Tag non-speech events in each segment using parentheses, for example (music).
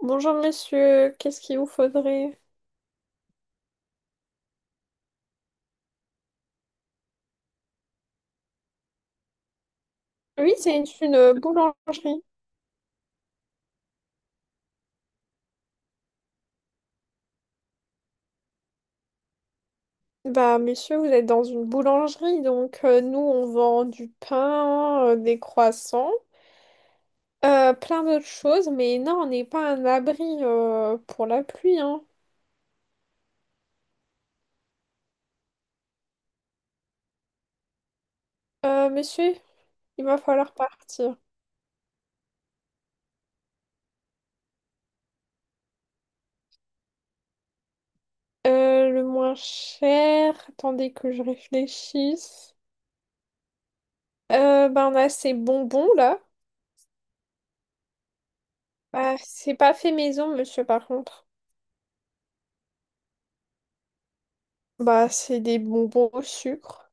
Bonjour monsieur, qu'est-ce qu'il vous faudrait? Oui, c'est boulangerie. Bah monsieur, vous êtes dans une boulangerie, donc nous on vend du pain, des croissants, plein d'autres choses, mais non, on n'est pas un abri pour la pluie, hein. Monsieur, il va falloir partir. Le moins cher, attendez que je réfléchisse. Bah on a ces bonbons là. Bah, c'est pas fait maison, monsieur, par contre. Bah c'est des bonbons au sucre.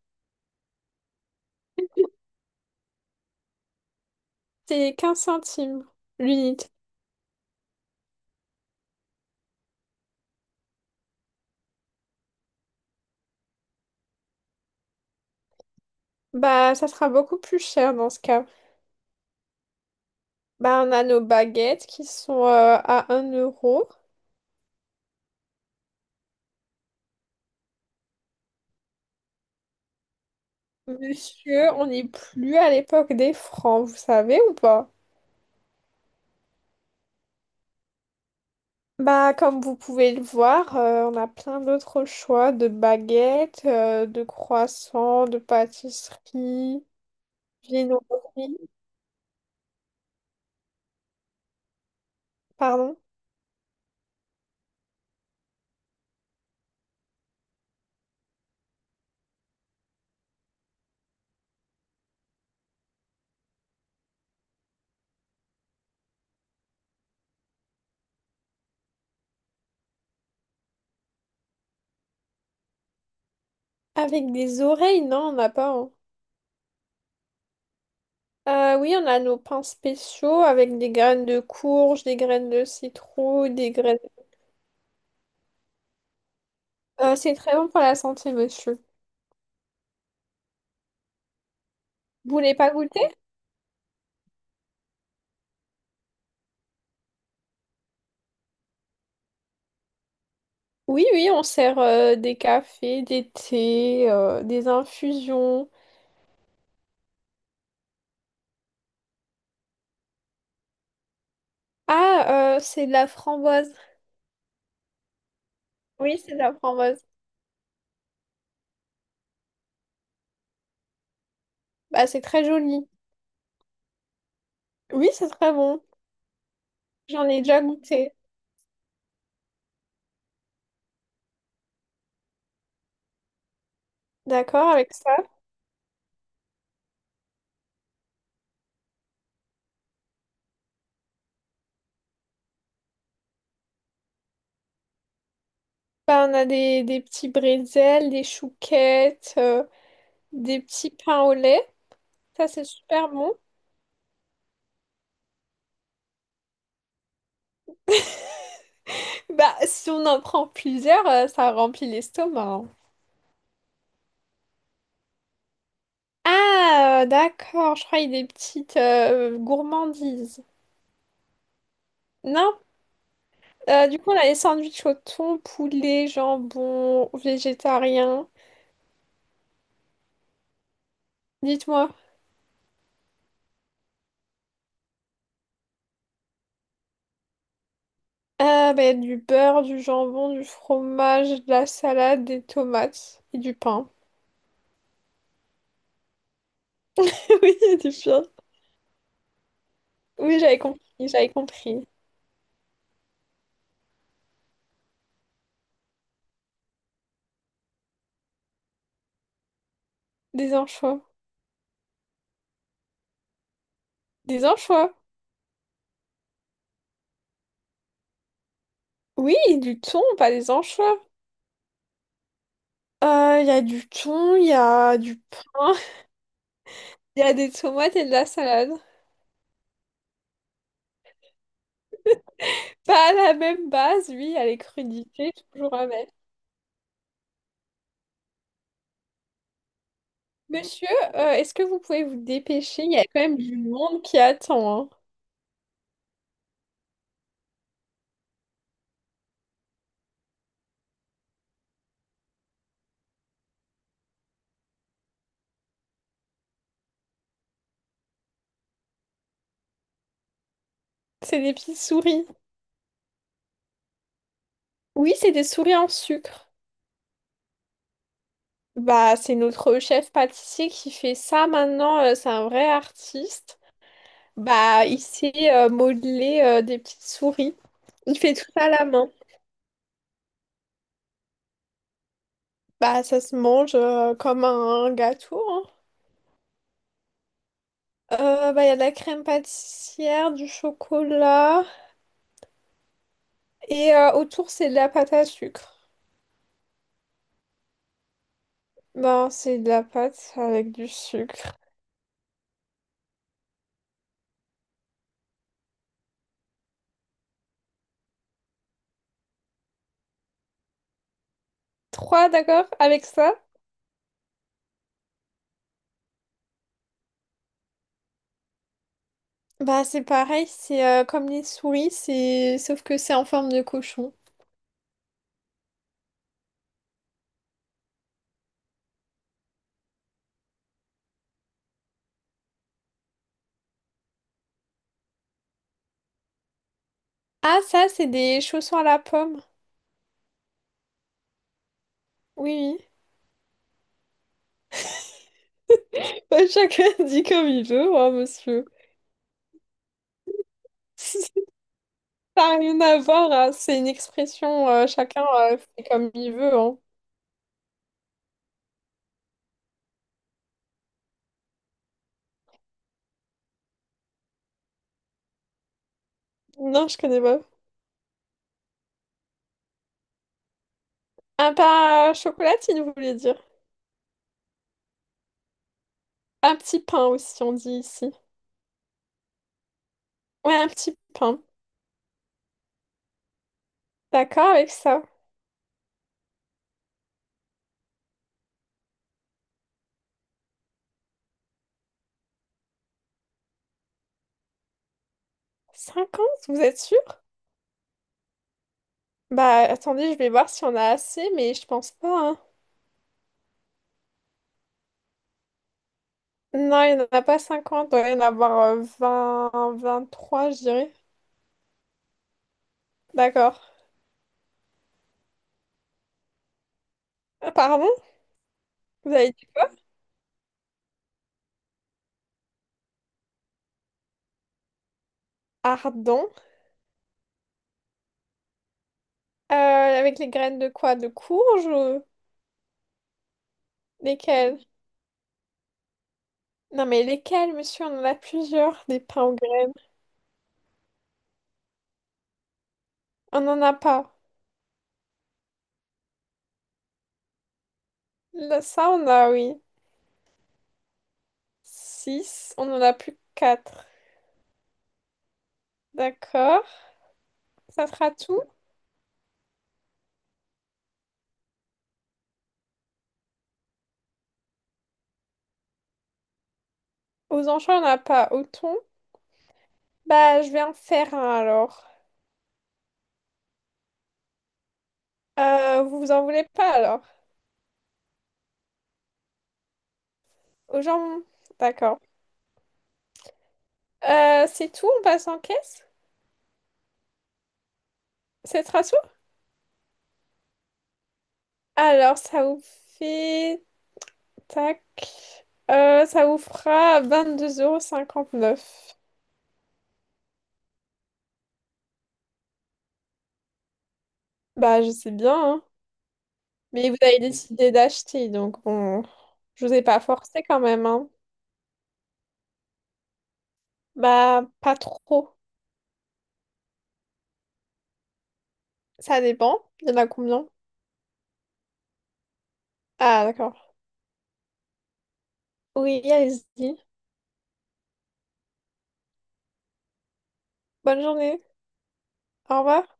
C'est 15 centimes l'unité. Bah, ça sera beaucoup plus cher dans ce cas. Bah, on a nos baguettes qui sont à un euro. Monsieur, on n'est plus à l'époque des francs, vous savez ou pas? Bah, comme vous pouvez le voir, on a plein d'autres choix de baguettes, de croissants, de pâtisseries, viennoiseries, pardon. Avec des oreilles, non, on n'a pas, hein. Oui, on a nos pains spéciaux avec des graines de courge, des graines de citrouille, des graines... C'est très bon pour la santé, monsieur. Vous voulez pas goûter? Oui, oui, on sert des cafés, des thés, des infusions. Ah, c'est de la framboise. Oui, c'est de la framboise. Bah, c'est très joli. Oui, c'est très bon. J'en ai déjà goûté. D'accord avec ça? Bah, on a des petits bretzels, des chouquettes, des petits pains au lait. Ça, c'est super bon. Bah, si on en prend plusieurs, ça remplit l'estomac, hein. Ah, d'accord, je croyais des petites gourmandises. Non, du coup, on a les sandwichs au thon, poulet, jambon, végétarien. Dites-moi. Ah, bah, du beurre, du jambon, du fromage, de la salade, des tomates et du pain. (laughs) Oui, du pain. Oui, j'avais compris, j'avais compris. Des anchois. Des anchois. Oui, du thon, pas des anchois. Il y a du thon, il y a du pain. Il y a des tomates et de la salade. Pas à la même base, lui, il y a les crudités, toujours à mettre. Monsieur, est-ce que vous pouvez vous dépêcher? Il y a quand même du monde qui attend, hein. C'est des petites souris. Oui, c'est des souris en sucre. Bah, c'est notre chef pâtissier qui fait ça maintenant. C'est un vrai artiste. Bah, il sait modeler des petites souris. Il fait tout ça à la main. Bah, ça se mange comme un gâteau, hein. Bah, il y a de la crème pâtissière, du chocolat. Et autour, c'est de la pâte à sucre. Ben, c'est de la pâte avec du sucre. Trois, d'accord, avec ça? Bah, c'est pareil, c'est comme les souris, c'est sauf que c'est en forme de cochon. Ah, ça, c'est des chaussons à la pomme. Oui, oui. Bah, chacun (laughs) dit comme il veut, hein, monsieur. (laughs) Ça n'a rien à voir, hein. C'est une expression, chacun fait comme il veut, hein. Non, je connais pas. Un pain à chocolatine, vous voulez dire. Un petit pain aussi, on dit ici. Ouais, un petit pain. D'accord avec ça. 50, vous êtes sûr? Bah attendez, je vais voir si on a assez, mais je pense pas, hein. Non, il n'y en a pas 50, il doit y en avoir 23, je dirais. D'accord. Pardon? Vous avez dit ardent. Avec les graines de quoi? De courge ou lesquelles? Non mais lesquelles, monsieur? On en a plusieurs, des pains aux graines. On n'en a pas. Là, ça, on a, oui. 6. On en a plus que 4. D'accord. Ça sera tout? Aux anchois, on n'a pas. Au thon? Bah, je vais en faire un alors. Vous vous en voulez pas alors? Aux gens? D'accord. C'est tout, on passe en caisse? C'est rassure? Alors, ça vous fait... Tac. Ça vous fera vingt-deux euros cinquante-neuf. Bah, je sais bien, hein. Mais vous avez décidé d'acheter, donc bon... Je vous ai pas forcé quand même, hein. Bah, pas trop. Ça dépend. Il y en a combien? Ah, d'accord. Oui, allez-y. Bonne journée. Au revoir.